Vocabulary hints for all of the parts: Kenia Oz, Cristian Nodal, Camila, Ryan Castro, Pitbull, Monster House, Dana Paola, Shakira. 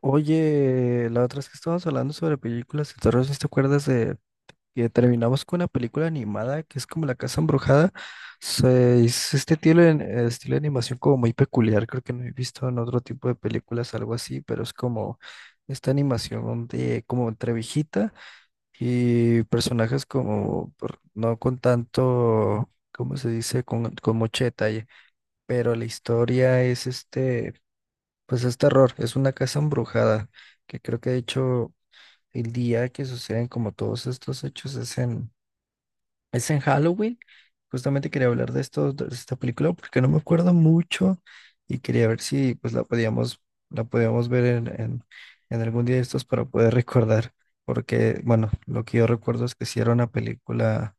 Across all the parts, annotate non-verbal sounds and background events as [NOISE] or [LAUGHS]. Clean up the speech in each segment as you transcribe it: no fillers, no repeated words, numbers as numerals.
Oye, la otra es que estábamos hablando sobre películas de terror, ¿sí? ¿Te acuerdas de que terminamos con una película animada que es como La Casa Embrujada? Es estilo, estilo de animación como muy peculiar, creo que no he visto en otro tipo de películas algo así, pero es como esta animación de como entre viejita y personajes no con tanto, ¿cómo se dice? Con mucho detalle, pero la historia es pues es terror, es una casa embrujada, que creo que de hecho el día que suceden como todos estos hechos es en Halloween. Justamente quería hablar de esto, de esta película, porque no me acuerdo mucho y quería ver si pues la podíamos ver en algún día de estos para poder recordar, porque bueno, lo que yo recuerdo es que sí era una película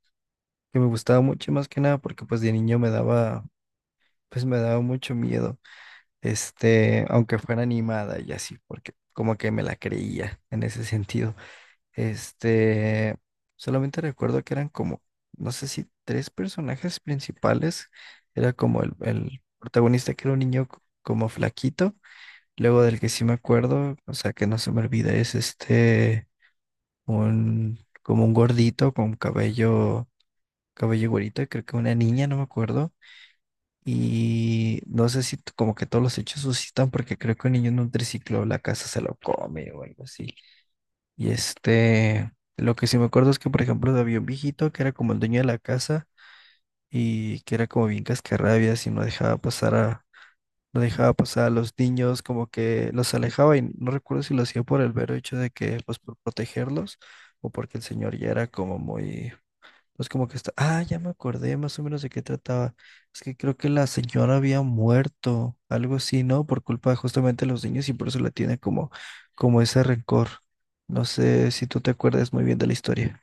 que me gustaba mucho y más que nada porque pues de niño me daba, pues me daba mucho miedo este, aunque fuera animada y así, porque como que me la creía en ese sentido. Este, solamente recuerdo que eran como, no sé si tres personajes principales, era como el protagonista que era un como flaquito, luego del que sí me acuerdo, o sea, que no se me olvida, es este, un, como un gordito con cabello güerito, y creo que una niña, no me acuerdo. Y no sé si t- como que todos los hechos suscitan porque creo que un niño en un triciclo la casa se lo come o algo así. Y este, lo que sí me acuerdo es que por ejemplo había un viejito que era como el dueño de la casa y que era como bien cascarrabias y no dejaba pasar a los niños, como que los alejaba y no recuerdo si lo hacía por el vero hecho de que pues por protegerlos o porque el señor ya era como muy pues como que está, ah, ya me acordé más o menos de qué trataba. Es que creo que la señora había muerto, algo así, ¿no? Por culpa justamente de los niños y por eso la tiene como ese rencor. No sé si tú te acuerdas muy bien de la historia.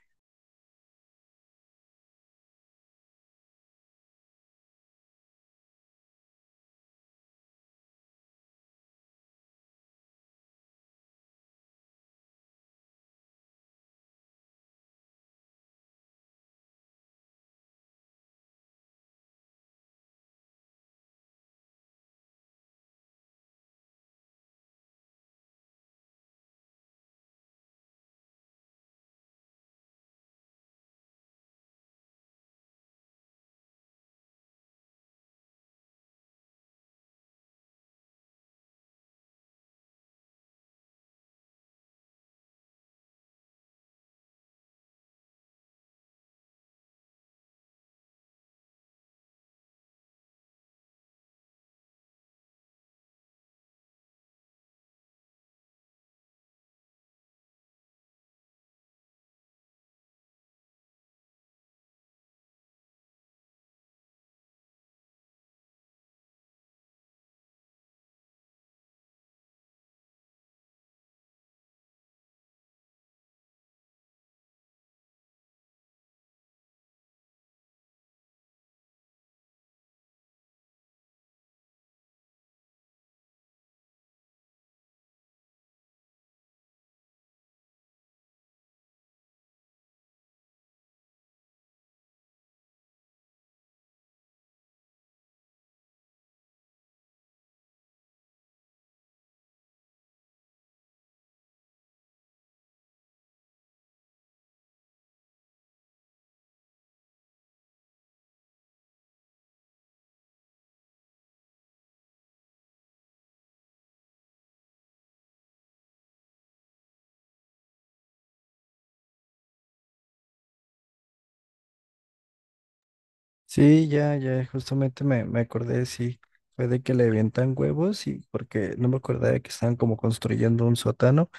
Sí, ya, ya, justamente me acordé, sí, fue de que le avientan huevos y porque no me acordaba de que estaban como construyendo un sótano,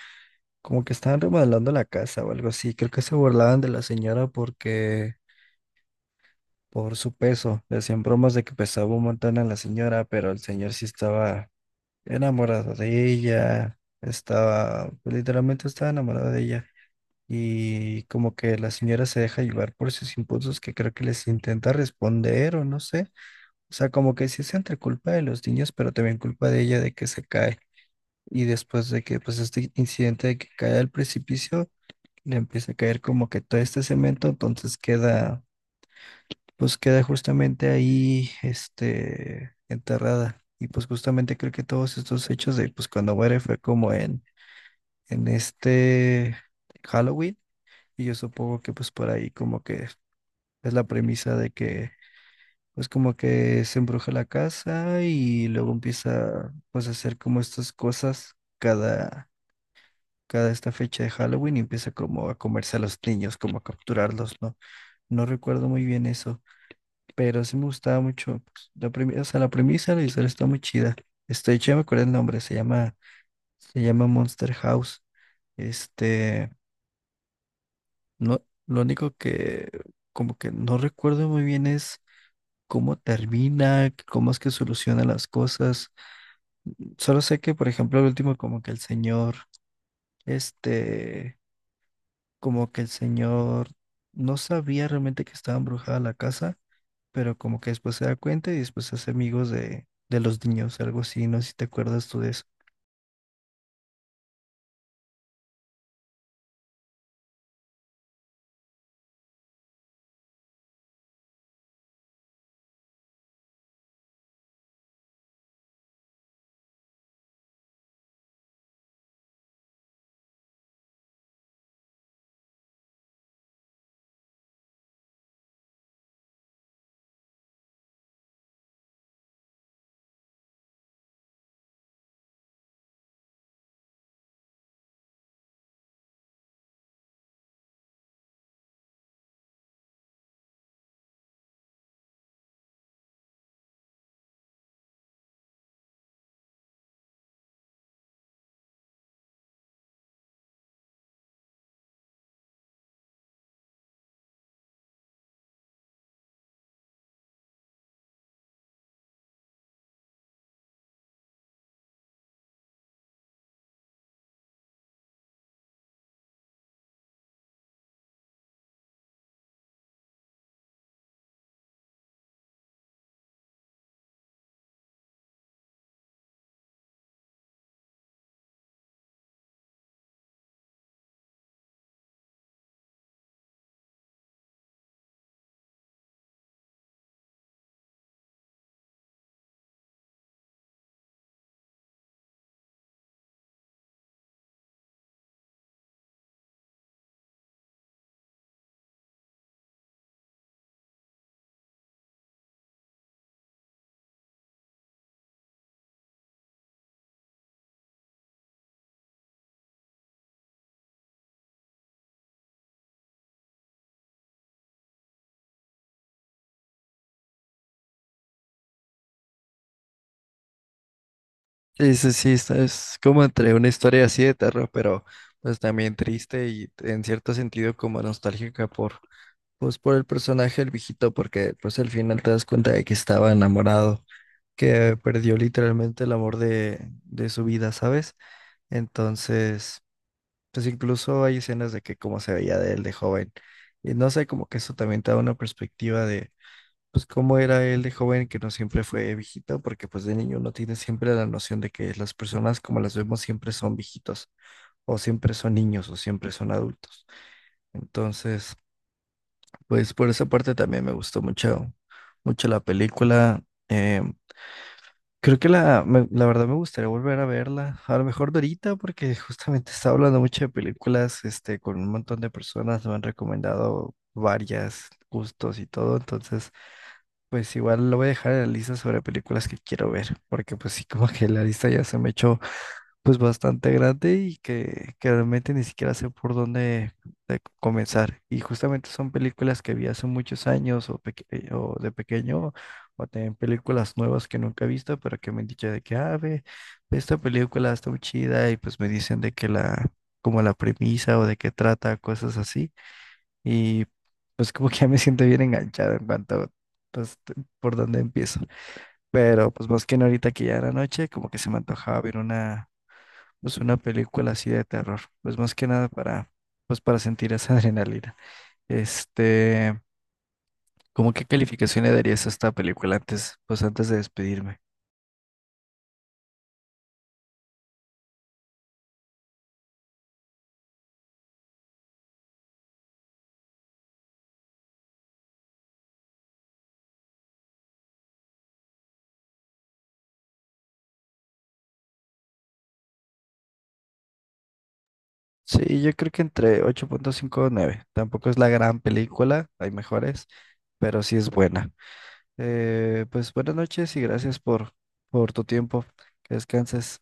como que estaban remodelando la casa o algo así, creo que se burlaban de la señora porque por su peso. Le hacían bromas de que pesaba un montón a la señora, pero el señor sí estaba enamorado de ella, estaba, pues, literalmente estaba enamorado de ella. Y como que la señora se deja llevar por sus impulsos que creo que les intenta responder o no sé. O sea, como que sí es entre culpa de los niños, pero también culpa de ella de que se cae. Y después de que, pues, este incidente de que cae al precipicio, le empieza a caer como que todo este cemento, entonces queda pues queda justamente ahí, este, enterrada. Y pues justamente creo que todos estos hechos de, pues cuando muere fue como en este Halloween. Y yo supongo que pues por ahí como que es la premisa de que, pues como que se embruja la casa y luego empieza pues a hacer como estas cosas cada... cada esta fecha de Halloween y empieza como a comerse a los niños, como a capturarlos, ¿no? No recuerdo muy bien eso, pero sí me gustaba mucho. Pues, la premisa, o sea, la premisa de la historia está muy chida. Este, yo ya me acuerdo el nombre, se llama Monster House. Este, no, lo único que como que no recuerdo muy bien es cómo termina, cómo es que soluciona las cosas. Solo sé que, por ejemplo, el último como que el señor, este, como que el señor no sabía realmente que estaba embrujada la casa pero como que después se da cuenta y después se hace amigos de los niños, algo así, no sé si te acuerdas tú de eso. Sí, sí, sí, es como entre una historia así de terror, pero pues también triste y en cierto sentido como nostálgica por, pues por el personaje del viejito, porque pues al final te das cuenta de que estaba enamorado, que perdió literalmente el amor de su vida, ¿sabes? Entonces, pues incluso hay escenas de que cómo se veía de él de joven. Y no sé, como que eso también te da una perspectiva de pues cómo era él de joven, que no siempre fue viejito, porque pues de niño uno tiene siempre la noción de que las personas como las vemos siempre son viejitos, o siempre son niños, o siempre son adultos. Entonces, pues por esa parte también me gustó mucho, mucho la película. Eh, creo que la verdad me gustaría volver a verla, a lo mejor de ahorita, porque justamente estaba hablando mucho de películas, este, con un montón de personas, me han recomendado varias gustos y todo, entonces... Pues igual lo voy a dejar en la lista sobre películas que quiero ver, porque pues sí, como que la lista ya se me echó pues bastante grande que realmente ni siquiera sé por dónde de comenzar. Y justamente son películas que vi hace muchos años o, o de pequeño, o también películas nuevas que nunca he visto, pero que me han dicho de que, ah, ve, ve esta película está muy chida y pues me dicen de que la, como la premisa o de qué trata, cosas así. Y pues como que ya me siento bien enganchado en cuanto, pues, t- por dónde empiezo. Pero pues más que nada ahorita que ya era noche, como que se me antojaba ver una, pues una película así de terror. Pues más que nada para, pues para sentir esa [LAUGHS] adrenalina. Este, ¿cómo qué calificación le darías a esta película antes, pues antes de despedirme? Sí, yo creo que entre 8.5 o nueve. Tampoco es la gran película, hay mejores, pero sí es buena. Pues buenas noches y gracias por tu tiempo. Que descanses.